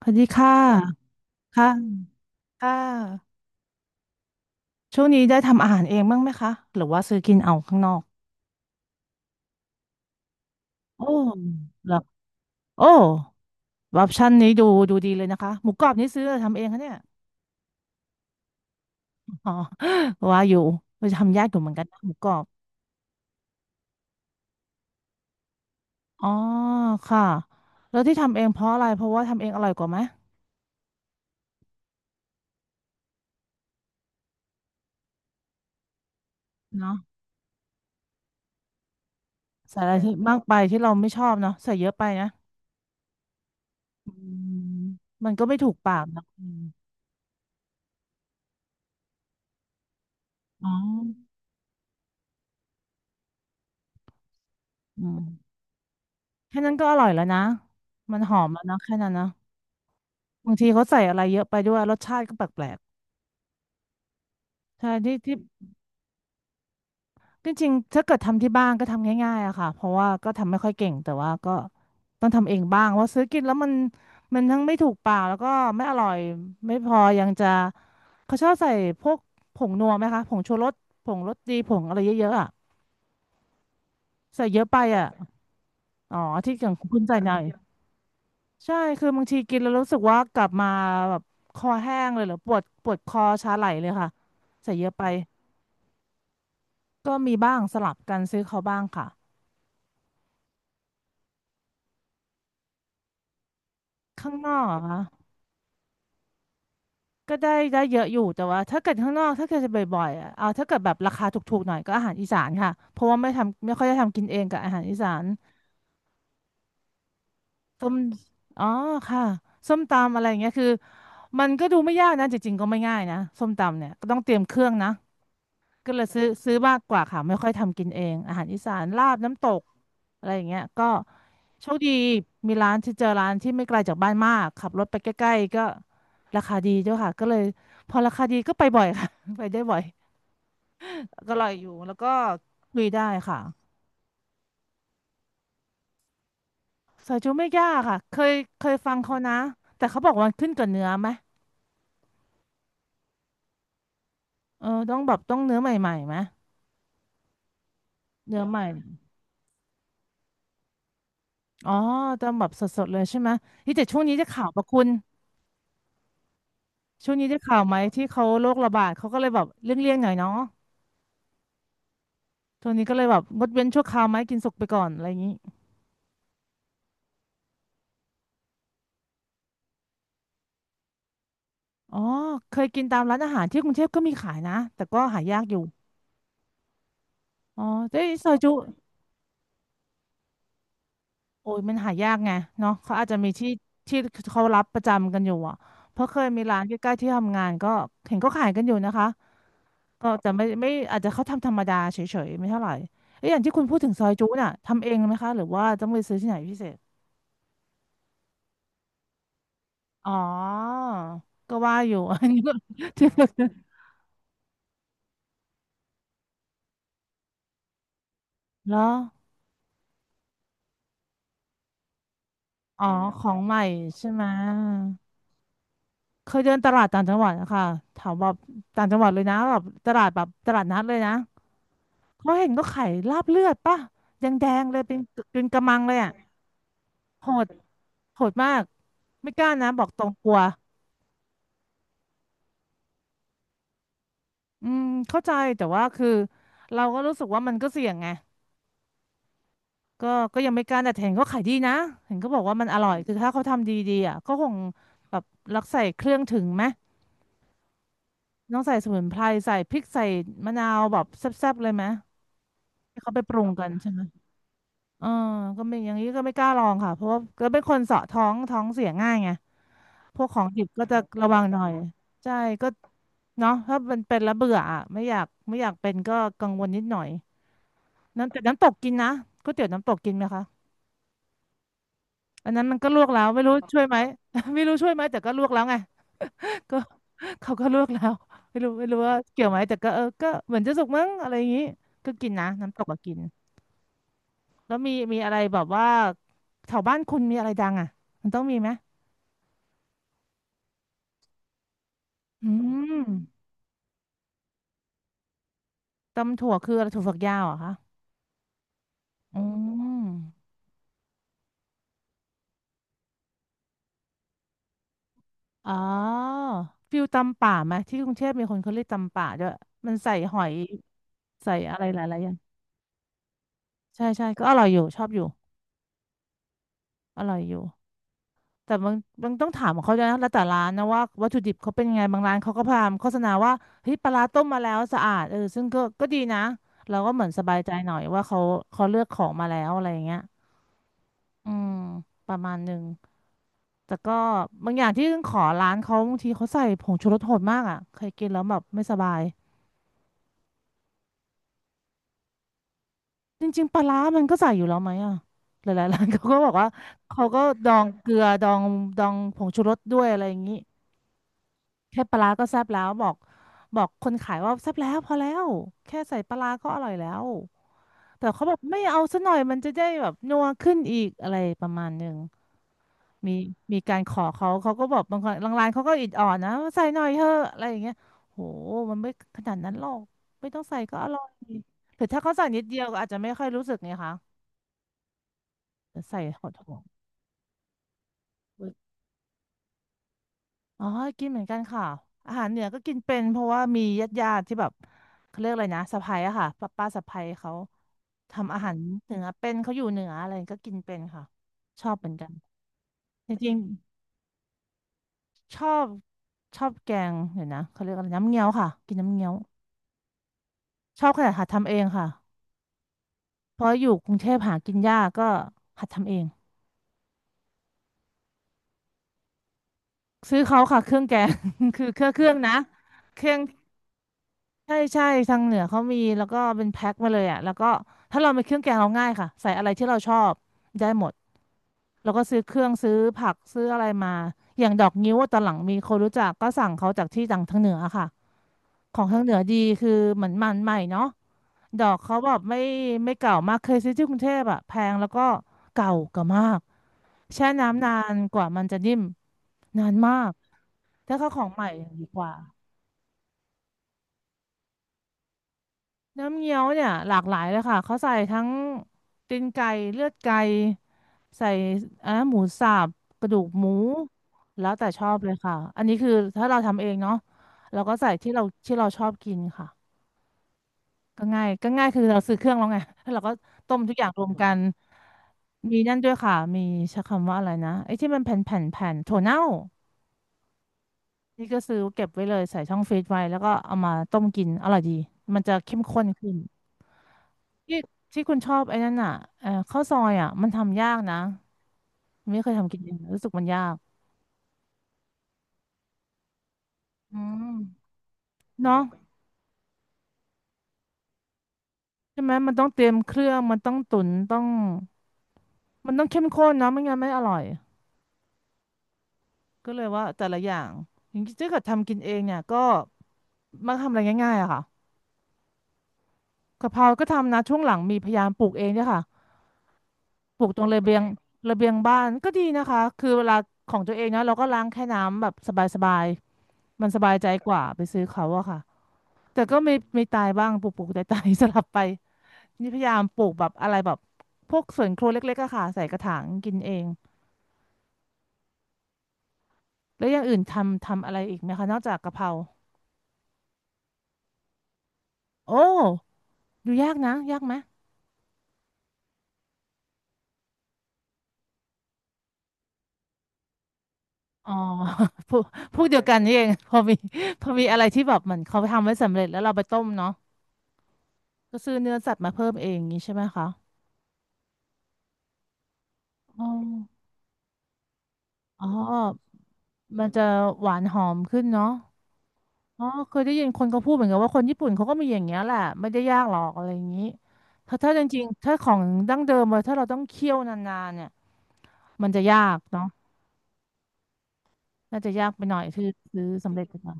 สวัสดีค่ะค่ะค่ะช่วงนี้ได้ทำอาหารเองบ้างไหมคะหรือว่าซื้อกินเอาข้างนอกโอ้เหรอโอ้ออปชั่นนี้ดูดีเลยนะคะหมูกรอบนี่ซื้อหรือทำเองคะเนี่ยอ๋อว่าอยู่เราจะทำยากอยู่เหมือนกันนะหมูกรอบอ๋อค่ะแล้วที่ทำเองเพราะอะไรเพราะว่าทำเองอร่อยกว่าไหมเนาะใส่อะไรที่มากไปที่เราไม่ชอบเนาะใส่เยอะไปนะอืมมันก็ไม่ถูกปากนะอมอ๋ออืม แค่นั้นก็อร่อยแล้วนะ มันหอมแล้วนะแค่นั้นนะบางทีเขาใส่อะไรเยอะไปด้วยรสชาติก็แปลกๆใช่ที่จริงๆถ้าเกิดทำที่บ้านก็ทำง่ายๆอะค่ะเพราะว่าก็ทำไม่ค่อยเก่งแต่ว่าก็ต้องทำเองบ้างเพราะซื้อกินแล้วมันทั้งไม่ถูกปากแล้วก็ไม่อร่อยไม่พอยังจะเขาชอบใส่พวกผงนัวไหมคะผงชูรสผงรสดีผงอะไรเยอะๆอะใส่เยอะไปอะอ๋อที่อย่างคุณใส่หน่อย ใช่คือบางทีกินแล้วรู้สึกว่ากลับมาแบบคอแห้งเลยเหรือปวดปวดคอชาไหลเลยค่ะใส่เยอะไปก็มีบ้างสลับกันซื้อเขาบ้างค่ะข้างนอกเหรอคะก็ได้ได้เยอะอยู่แต่ว่าถ้าเกิดข้างนอกถ้าเกิดจะบ่อยๆอะเอาถ้าเกิดแบบราคาถูกๆหน่อยก็อาหารอีสานค่ะเพราะว่าไม่ทำไม่ค่อยได้ทำกินเองกับอาหารอีสานต้มอ๋อค่ะส้มตำอะไรอย่างเงี้ยคือมันก็ดูไม่ยากนะจริงๆก็ไม่ง่ายนะส้มตำเนี่ยก็ต้องเตรียมเครื่องนะ ก็เลยซื้อมากกว่าค่ะไม่ค่อยทำกินเองอาหารอีสานลาบน้ำตกอะไรอย่างเงี้ยก็โชคดีมีร้านที่เจอร้านที่ไม่ไกลจากบ้านมากขับรถไปใกล้ๆก็ราคาดีด้วยค่ะก็เลยพอราคาดีก็ไปบ่อยค่ะ ไปได้บ่อยก็อร่อยอยู่แล้วก็คุยได้ค่ะซอยจุไม่ยากค่ะเคยเคยฟังเขานะแต่เขาบอกว่ามันขึ้นกับเนื้อไหมเออต้องแบบต้องเนื้อใหม่ๆไหมเนื้อใหม่อ๋อต้องแบบสดๆเลยใช่ไหมที่แต่ช่วงนี้จะข่าวประคุณ ช่วงนี้ได้ข่าวไหมที่เขาโรคระบาดเขาก็เลยแบบเลี่ยงๆหน่อยเนาะช่วงนี้ก็เลยแบบงดเว้นชั่วคราวไหมกินสุกไปก่อนอะไรอย่างนี้อ๋อเคยกินตามร้านอาหารที่กรุงเทพก็มีขายนะแต่ก็หายากอยู่อ๋อแต่ไอ้ซอยจุโอ้ยมันหายากไงเนาะเขาอาจจะมีที่เขารับประจำกันอยู่อ่ะเพราะเคยมีร้านใกล้ๆที่ทำงานก็เห็นก็ขายกันอยู่นะคะก็แต่ไม่อาจจะเขาทำธรรมดาเฉยๆไม่เท่าไหร่เอ้ยอย่างที่คุณพูดถึงซอยจุน่ะทำเองไหมคะหรือว่าต้องไปซื้อที่ไหนพิเศษ อ๋อ ก็ว่าอยู่ อันนี้ก็ที่ฝึกแล้วอ๋อของใหม่ใช่ไหมเคยเดินตลาดต่างจังหวัดนะคะแถวแบบต่างจังหวัดเลยนะแบบตลาดแบบตลาดนัดเลยนะเขาเห็นก็ขายลาบเลือดป่ะแดงๆเลยเป็นเป็นกะมังเลยอ่ะโหดโหดมากไม่กล้านะบอกตรงกลัวอืมเข้าใจแต่ว่าคือเราก็รู้สึกว่ามันก็เสี่ยงไง ก็ก็ยังไม่กล้าแต่เห็นก็ขายดีนะ เห็นก็บอกว่ามันอร่อยคือถ้าเขาทำดีๆอ่ะก็คงแบบรักใส่เครื่องถึงไหมต้องใส่สมุนไพรใส่พริกใส่มะนาวแบบแซ่บๆเลยไหม ให้เขาไปปรุงกันใช่ไหมเออก็ไม่อย่างนี้ก็ไม่กล้าลองค่ะ เพราะว่าก็เป็นคนเสาะท้องเสียง่ายไง พวกของดิบก็จะระวังหน่อยใช่ก็เนาะถ้ามันเป็นแล้วเบื่ออ่ะไม่อยากเป็นก็กังวลนิดหน่อยน้ำแต่น้ำตกกินนะก๋วยเตี๋ยวน้ำตกกินไหมคะ อันนั้นมันก็ลวกแล้วไม่รู้ช่วยไหม ไม่รู้ช่วยไหมแต่ก็ลวกแล้วไง ก็เขาก็ลวกแล้วไม่รู้ว่าเกี่ยวไหมแต่ก็เออก็เหมือนจะสุกมั้งอะไรอย่างนี้ก็กินนะน้ำตกก็กินแล้วมีอะไรแบบว่าแถวบ้านคุณมีอะไรดังอ่ะมันต้องมีไหมอืมตำถั่วคืออะไรถั่วฝักยาวเหรอคะอืมอ๋อฟิลตำป่าไหมที่กรุงเทพมีคนเขาเรียกตำป่าด้วยมันใส่หอยใส่อะไรหลายๆอย่างใช่ใช่ก็อร่อยอยู่ชอบอยู่อร่อยอยู่ แต่บางต้องถามของเขาด้วยนะแล้วแต่ร้านนะว่าวัตถุดิบเขาเป็นยังไงบางร้านเขาก็พยายามโฆษณาว่าเฮ้ยปลาร้าต้มมาแล้วสะอาดเออซึ่งก็ดีนะเราก็เหมือนสบายใจหน่อยว่าเขาเลือกของมาแล้วอะไรอย่างเงี้ยอืมประมาณหนึ่งแต่ก็บางอย่างที่ขอร้านเขาบางทีเขาใส่ผงชูรสโหดมากอ่ะเคยกินแล้วแบบไม่สบายจริงๆปลาร้ามันก็ใส่อยู่แล้วไหมอ่ะหลายๆร้านเขาก็บอกว่าเขาก็ดองเกลือดองดองผงชูรสด้วยอะไรอย่างงี้ แค่ปลาร้าก็แซ่บแล้วบอกคนขายว่าแซ่บแล้วพอแล้วแค่ใส่ปลาร้าก็อร่อยแล้วแต่เขาบอกไม่เอาซะหน่อยมันจะได้แบบนัวขึ้นอีกอะไรประมาณหนึ่งมีมีการขอเขาก็บอกบางคนบางร้านเขาก็อิดออดนะว่าใส่หน่อยเถอะอะไรอย่างเงี้ยโหมันไม่ขนาดนั้นหรอกไม่ต้องใส่ก็อร่อยหรือถ้าเขาใส่นิดเดียวก็อาจจะไม่ค่อยรู้สึกไงคะแต่ใส่หอดหอม อ๋อกินเหมือนกันค่ะอาหารเหนือก็กินเป็นเพราะว่ามีญาติที่แบบเขาเรียกอะไรนะสะใภ้อะค่ะป้าสะใภ้เขาทำอาหารเหนือเป็นเขาอยู่เหนืออะไรก็กินเป็นค่ะ ชอบเหมือนกันจริงๆชอบแกงเดี๋ยวนะเขาเรียกอะไรน้ำเงี้ยวค่ะ กินน้ำเงี้ยวชอบขนาดหัดทำเองค่ะเพราะอยู่กรุงเทพหากินยากก็หัดทำเองซื้อเขาค่ะเครื่องแกง คือเครื่องนะเครื่อง ใช่ใช่ทางเหนือเขามีแล้วก็เป็นแพ็คมาเลยอ่ะแล้วก็ถ้าเราไปเครื่องแกงเราง่ายค่ะใส่อะไรที่เราชอบได้หมดแล้วก็ซื้อเครื่องซื้อผักซื้ออะไรมาอย่างดอกงิ้วอะตอนหลังมีคนรู้จักก็สั่งเขาจากที่ทางเหนืออะค่ะของทางเหนือดีคือเหมือนมันใหม่เนาะดอกเขาแบบไม่เก่ามากเคยซื้อที่กรุงเทพอ่ะแพงแล้วก็เก่ามากแช่น้ำนานกว่ามันจะนิ่มนานมากถ้าเขาของใหม่ดีกว่า น้ำเงี้ยวเนี่ยหลากหลายเลยค่ะเขาใส่ทั้งตีนไก่เลือดไก่ใส่หมูสับกระดูกหมูแล้วแต่ชอบเลยค่ะอันนี้คือถ้าเราทำเองเนาะเราก็ใส่ที่เราชอบกินค่ะก็ง่ายคือเราซื้อเครื่องแล้วไง แล้วเราก็ต้มทุกอย่างรวมกันมีนั่นด้วยค่ะมีใช้คำว่าอะไรนะไอ้ที่มันแผ่นถั่วเน่านี่ก็ซื้อเก็บไว้เลยใส่ช่องฟรีซไว้แล้วก็เอามาต้มกินอร่อยดีมันจะเข้มข้นขึ้น ที่ที่คุณชอบไอ้นั่นอ่ะข้าวซอยอ่ะมันทำยากนะไม่เคยทำกินเองรู้สึกมันยากอืมเนาะใช่ไหมมันต้องเตรียมเครื่องมันต้องตุ๋นต้องมันต้องเข้มข้นเนาะไม่งั้นไม่อร่อยก็เลยว่าแต่ละอย่างอย่างที่เกิดทำกินเองเนี่ยก็มักทำอะไรง่ายๆอะค่ะกะเพราก็ทำนะช่วงหลังมีพยายามปลูกเองเนี่ยค่ะปลูกตรงระเบียงระเบียงบ้านก็ดีนะคะคือเวลาของตัวเองนะเราก็ล้างแค่น้ำแบบสบายๆมันสบายใจกว่าไปซื้อเขาอะค่ะ แต่ก็ไม่ตายบ้างปลูกตาย สลับไปนี่พยายามปลูกแบบอะไรแบบพวกสวนครัวเล็กๆอะค่ะใส่กระถางกินเองแล้วอย่างอื่นทำอะไรอีกไหมคะนอกจากกะเพราโอ้ดูยากนะยากไหมอ๋อ พวกพวกเดียวกันนี่เอง พอมีอะไรที่แบบเหมือนเขาทำไว้สำเร็จแล้วเราไปต้มเนาะก็ซื้อเนื้อสัตว์มาเพิ่มเองอย่างนี้ใช่ไหมคะอ๋ออ๋อมันจะหวานหอมขึ้นเนาะ อ๋อเคยได้ยินคนเขาพูดเหมือนกันว่าคนญี่ปุ่นเขาก็มีอย่างเงี้ยแหละไม่ได้ยากหรอกอะไรอย่างนี้ถ้าถ้าจริงๆถ้าของดั้งเดิมอะถ้าเราต้องเคี่ยวนานๆเนี่ยมันจะยากเนาะน่าจะยากไปหน่อยซื้อสำเร็จดีกว่า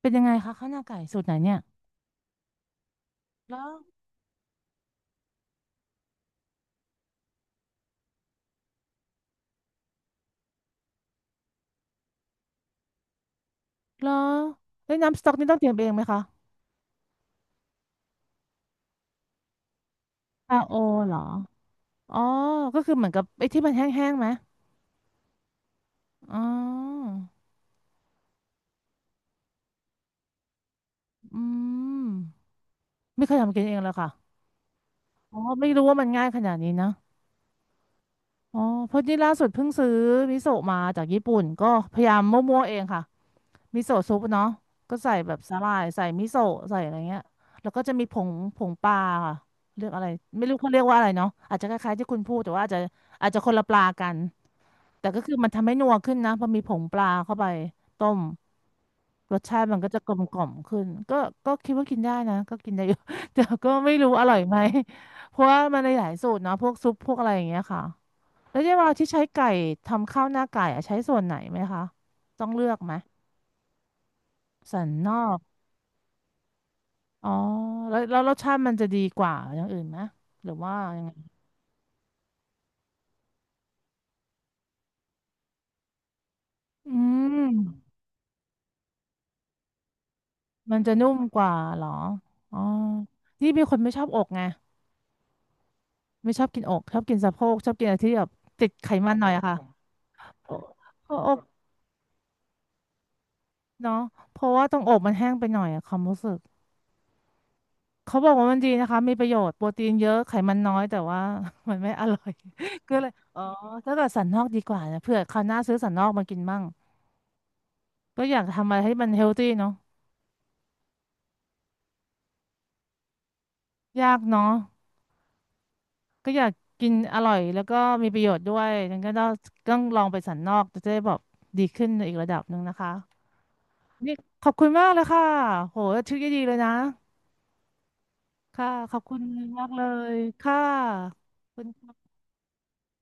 เป็นยังไงคะข้าวหน้าไก่สูตรไหนเนี่ยแล้วแล้วเอ้ยน้ำสต๊อกนี่ต้องเตรียมเองไหมคะซาโอเหรออ๋อก็คือเหมือนกับไอ้ที่มันแห้งๆไหมอ๋ออืมไม่เคยทำกินเองเลยค่ะอ๋อไม่รู้ว่ามันง่ายขนาดนี้นะ อ๋อเพราะนี่ล่าสุดเพิ่งซื้อมิโซะมาจากญี่ปุ่นก็พยายามมั่วๆเองค่ะมิโซะซุปเนาะก็ใส่แบบสาหร่ายใส่มิโซะใส่อะไรเงี้ยแล้วก็จะมีผงปลาค่ะเรียกอะไรไม่รู้เขาเรียกว่าอะไรเนาะอาจจะคล้ายๆที่คุณพูดแต่ว่าอาจจะคนละปลากันแต่ก็คือมันทำให้นัวขึ้นนะพอมีผงปลาเข้าไปต้มรสชาติมันก็จะกลมกล่อมขึ้นก็ก็คิดว่ากินได้นะก็กินได้อยู่ แต่ก็ไม่รู้อร่อยไหมเพราะว่ามันหลายๆสูตรเนาะพวกซุปพวกอะไรอย่างเงี้ยค่ะ แล้วเยวลาที่ใช้ไก่ทำข้าวหน้าไก่อะใช้ส่วนไหนไหมคะต้องเลือกไหมสันนอกอ๋อแล้วรสชาติมันจะดีกว่าอย่างอื่นไหมหรือว่ายังไงอืมมันจะนุ่มกว่าเหรออ๋อนี่เป็นคนไม่ชอบอกไงไม่ชอบกินอกชอบกินสะโพกชอบกินอะไรที่แบบติดไขมันหน่อยอะค่ะโอโออกเนาะเพราะว่าตรงอกมันแห้งไปหน่อยอะความรู้สึก เขาบอกว่ามันดีนะคะมีประโยชน์โปรตีนเยอะไขมันน้อยแต่ว่า มันไม่อร่อย ก็เลยอ๋อถ้าเกิดสันนอกดีกว่านะเผื่อคราวหน้าซื้อสันนอกมากินมั่งก็อยากทำอะไรให้มันเฮลตี้เนาะยากเนาะก็อยากกินอร่อยแล้วก็มีประโยชน์ด้วยงั้นก็ต้องลองไปสันนอกจะได้แบบดีขึ้นในอีกระดับหนึ่งนะคะนี่ขอบคุณมากเลยค่ะโหชื่อดีๆเลยนะค่ะขอบคุณมากเลยค่ะขอบคุณค่ะ